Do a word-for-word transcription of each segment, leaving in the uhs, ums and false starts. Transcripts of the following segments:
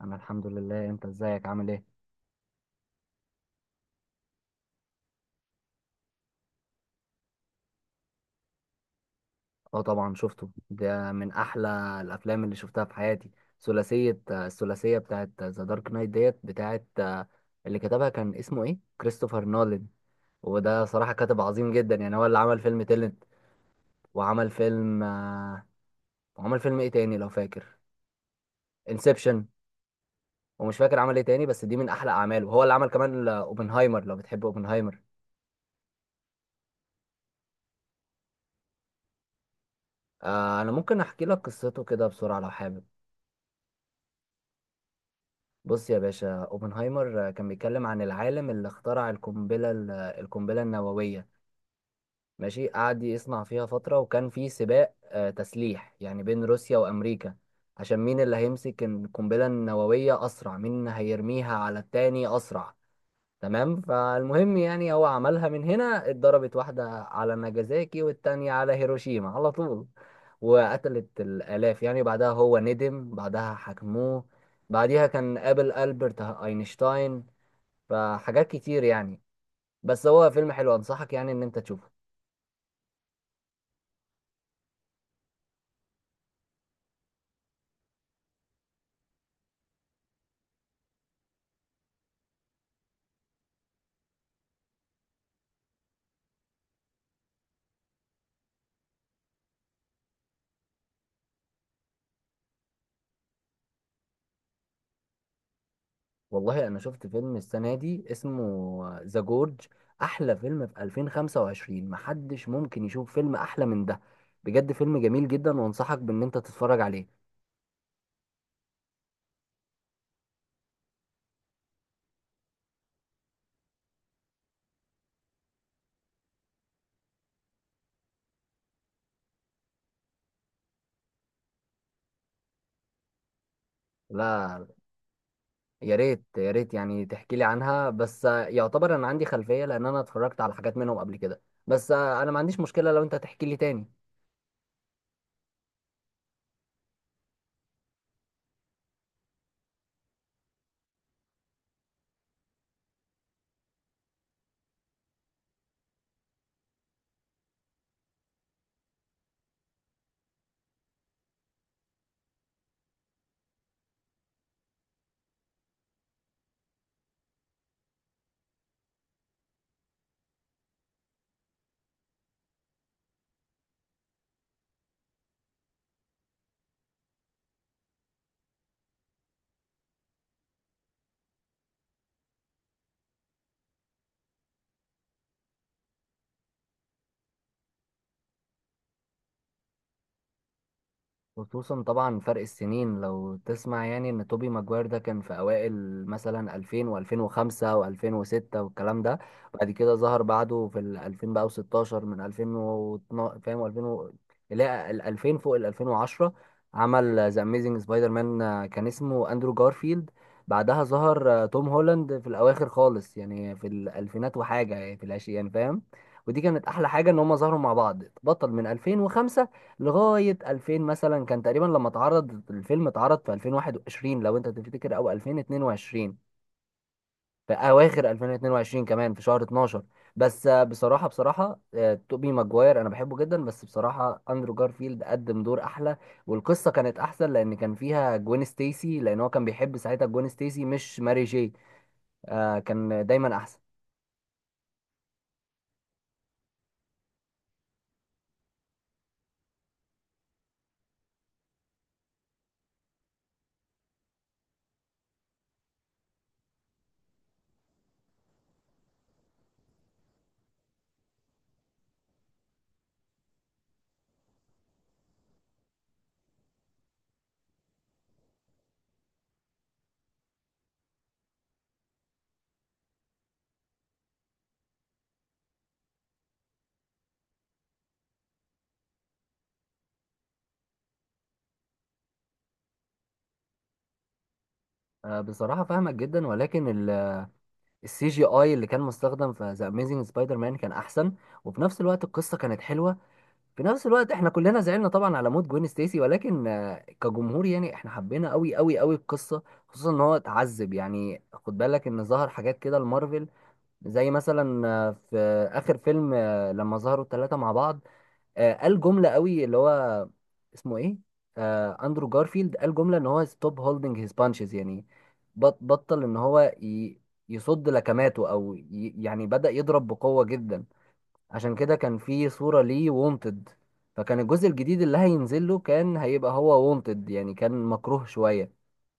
انا الحمد لله. انت ازيك عامل ايه؟ اه طبعا شفته، ده من احلى الافلام اللي شفتها في حياتي. ثلاثيه الثلاثيه بتاعت ذا دارك نايت ديت، بتاعت اللي كتبها كان اسمه ايه، كريستوفر نولان. وده صراحه كاتب عظيم جدا، يعني هو اللي عمل فيلم تيلنت، وعمل فيلم آه، وعمل فيلم ايه تاني لو فاكر، انسبشن. ومش فاكر عمل ايه تاني، بس دي من احلى اعماله، وهو اللي عمل كمان آه، اوبنهايمر. لو بتحب اوبنهايمر، آه، انا ممكن احكي لك قصته كده بسرعه لو حابب. بص يا باشا، اوبنهايمر كان بيتكلم عن العالم اللي اخترع القنبلة ال- القنبلة النووية. ماشي، قعد يصنع فيها فترة، وكان في سباق آه، تسليح يعني، بين روسيا وأمريكا، عشان مين اللي هيمسك القنبلة النووية أسرع، مين هيرميها على التاني أسرع. تمام، فالمهم يعني هو عملها، من هنا اتضربت واحدة على ناجازاكي والتانية على هيروشيما على طول، وقتلت الآلاف. يعني بعدها هو ندم، بعدها حكموه، بعديها كان قابل ألبرت أينشتاين، فحاجات كتير يعني. بس هو فيلم حلو، أنصحك يعني إن أنت تشوفه. والله أنا شفت فيلم السنة دي اسمه ذا جورج، أحلى فيلم في ألفين وخمسة وعشرين، محدش ممكن يشوف فيلم أحلى من ده. بجد فيلم جميل جدا، وأنصحك بإن أنت تتفرج عليه. لا. يا ريت، يا ريت يعني تحكي لي عنها، بس آه، يعتبر انا عندي خلفية، لان انا اتفرجت على حاجات منهم قبل كده، بس آه، انا ما عنديش مشكلة لو انت تحكي لي تاني. خصوصا طبعا فرق السنين لو تسمع، يعني ان توبي ماجواير ده كان في اوائل مثلا ألفين و2005 و2006 والكلام ده. بعد كده ظهر بعده في ال ألفين بقى، و16 من ألفين واثناشر، فاهم؟ ألفين و... لا، ال ألفين فوق، ال ألفين وعشرة عمل ذا اميزنج سبايدر مان، آه، كان اسمه اندرو جارفيلد. بعدها ظهر آه، توم هولاند في الاواخر خالص، يعني في الالفينات وحاجه، يعني في العشرين يعني، فاهم؟ ودي كانت احلى حاجه، ان هم ظهروا مع بعض. بطل من ألفين وخمسة لغاية ألفين مثلا كان تقريبا، لما اتعرض الفيلم، اتعرض في ألفين وواحد وعشرين لو انت تفتكر، او ألفين واتنين وعشرين، في اواخر ألفين واتنين وعشرين، كمان في شهر اتناشر. بس آه، بصراحة، بصراحة آه، توبي ماجواير انا بحبه جدا، بس بصراحة اندرو جارفيلد قدم دور احلى، والقصة كانت احسن، لان كان فيها جوين ستيسي، لان هو كان بيحب ساعتها جوين ستيسي مش ماري جي. آه، كان دايما احسن. آه، بصراحة فاهمك جدا، ولكن السي جي اي اللي كان مستخدم في ذا اميزنج سبايدر مان كان احسن، وفي نفس الوقت القصة كانت حلوة. في نفس الوقت احنا كلنا زعلنا طبعا على موت جوين ستيسي، ولكن آه، كجمهور يعني احنا حبينا قوي قوي قوي القصه، خصوصا ان هو اتعذب. يعني خد بالك ان ظهر حاجات كده لمارفل، زي مثلا آه، في اخر فيلم آه، لما ظهروا الثلاثه مع بعض، آه، قال جمله قوي اللي هو اسمه ايه، آه، اندرو جارفيلد قال جمله ان هو ستوب هولدنج هيز بانشز، يعني بط- بطل ان هو ي- يصد لكماته، او ي- يعني بدأ يضرب بقوه جدا. عشان كده كان في صورة ليه وونتد، فكان الجزء الجديد اللي هينزل له كان هيبقى هو وونتد، يعني كان مكروه شوية.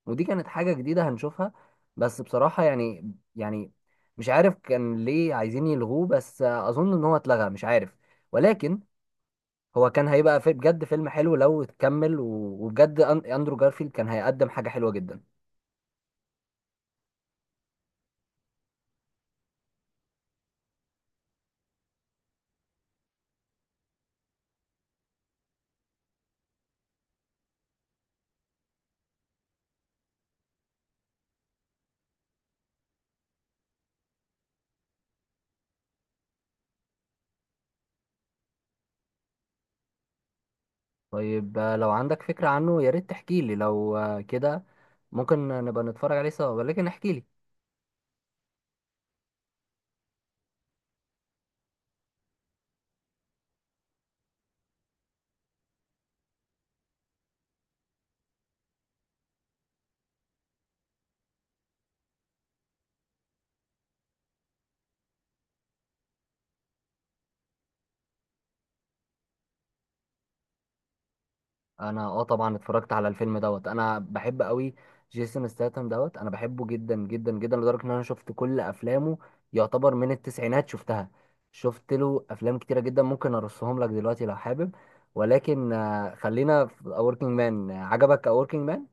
ودي كانت حاجة جديدة هنشوفها. بس بصراحة يعني، يعني مش عارف كان ليه عايزين يلغوه، بس أظن إن هو اتلغى، مش عارف. ولكن هو كان هيبقى في بجد فيلم حلو لو اتكمل، و- وبجد أن- أندرو جارفيلد كان هيقدم حاجة حلوة جدا. طيب، آه، لو عندك فكرة عنه يا ريت تحكي لي، لو آه، كده ممكن نبقى نتفرج عليه سوا، ولكن احكي لي. انا اه طبعا اتفرجت على الفيلم دوت. انا بحب قوي جيسون ستاثام دوت، انا بحبه جدا جدا جدا لدرجه ان انا شفت كل افلامه، يعتبر من التسعينات شفتها. شفت له افلام كتيره جدا، ممكن ارصهم لك دلوقتي لو حابب، ولكن آه، خلينا في اوركينج مان. عجبك اوركينج مان؟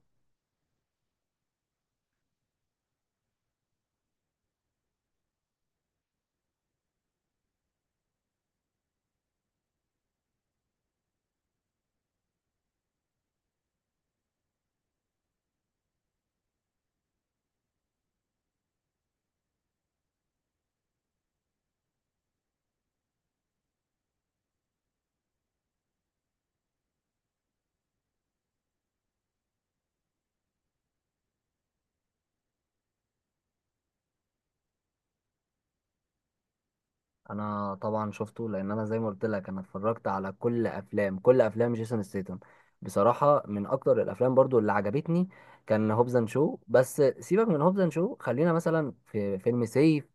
انا طبعا شفته، لان انا زي ما قلت لك انا اتفرجت على كل افلام، كل افلام جيسون ستيتم. بصراحه من اكتر الافلام برضو اللي عجبتني كان هوبز اند شو، بس سيبك من هوبز اند شو، خلينا مثلا في فيلم سيف،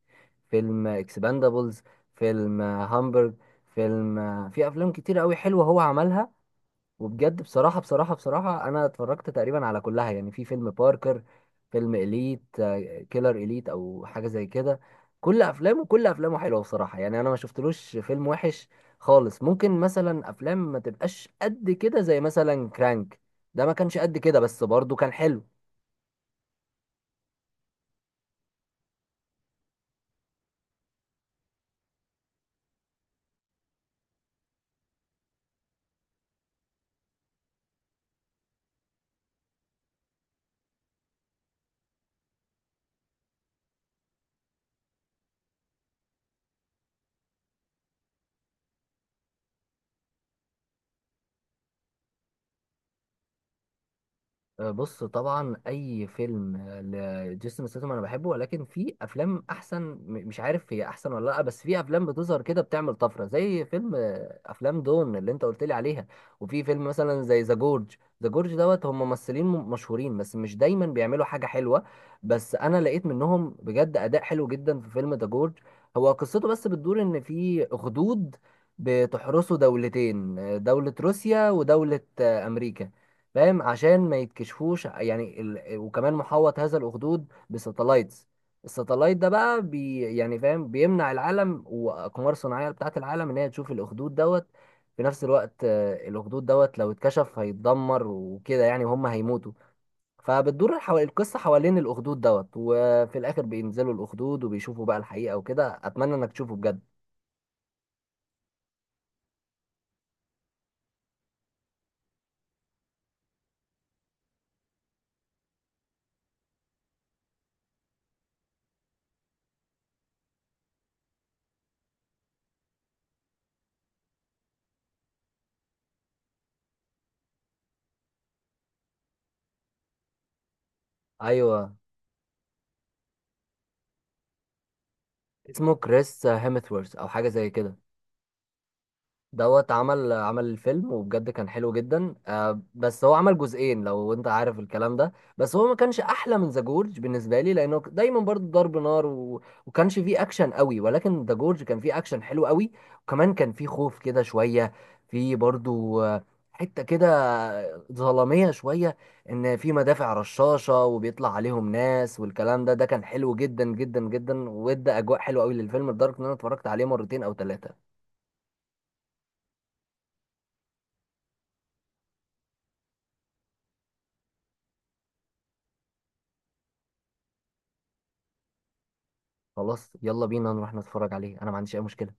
فيلم اكسباندابلز، فيلم هامبرج، فيلم، في افلام كتير قوي حلوه هو عملها. وبجد بصراحة، بصراحة، بصراحة أنا اتفرجت تقريبا على كلها. يعني في فيلم باركر، فيلم إليت آه، كيلر إليت أو حاجة زي كده. كل أفلامه، كل أفلامه حلوة بصراحة، يعني أنا ما شفتلوش فيلم وحش خالص. ممكن مثلا أفلام ما تبقاش قد كده زي مثلا كرانك، ده ما كانش قد كده، بس برضه كان حلو. آه، بص طبعا اي فيلم آه، لجيسون ستاثام انا بحبه، ولكن في افلام احسن، م- مش عارف هي احسن ولا لا، بس في افلام بتظهر كده بتعمل طفره، زي فيلم آه، افلام دون اللي انت قلت لي عليها، وفي فيلم مثلا زي ذا جورج. ذا جورج دوت، هم ممثلين م- مشهورين بس مش دايما بيعملوا حاجه حلوه، بس انا لقيت منهم بجد اداء حلو جدا في فيلم ذا جورج. هو قصته بس بتدور ان في اخدود بتحرسوا دولتين، آه، دولة روسيا ودولة آه، أمريكا، فاهم؟ عشان ما يتكشفوش يعني ال... وكمان محوط هذا الأخدود بساتلايتس. الساتلايت ده بقى بي... يعني فاهم، بيمنع العالم وأقمار صناعية بتاعة العالم إن هي تشوف الأخدود دوت. في نفس الوقت آه، الأخدود دوت لو اتكشف هيتدمر وكده، يعني وهم هيموتوا. فبتدور حو... القصة حوالين الأخدود دوت، وفي الآخر بينزلوا الأخدود وبيشوفوا بقى الحقيقة وكده. أتمنى إنك تشوفه بجد. أيوه. اسمه كريس هيمثورث أو حاجة زي كده. دوت عمل عمل الفيلم، وبجد كان حلو جدا، آه، بس هو عمل جزئين لو انت عارف الكلام ده. بس هو ما كانش احلى من ذا جورج بالنسبه لي، لانه ك- دايما برضه ضرب نار و... وكانش فيه اكشن قوي، ولكن ذا جورج كان فيه اكشن حلو قوي، وكمان كان فيه خوف كده شويه، فيه برضه آه، حته كده ظلاميه شويه، ان في مدافع رشاشه وبيطلع عليهم ناس والكلام ده. ده كان حلو جدا جدا جدا، وادى اجواء حلوه قوي للفيلم لدرجه ان انا اتفرجت عليه مرتين او ثلاثه. خلاص، يلا بينا نروح نتفرج عليه، انا ما عنديش اي مشكلة.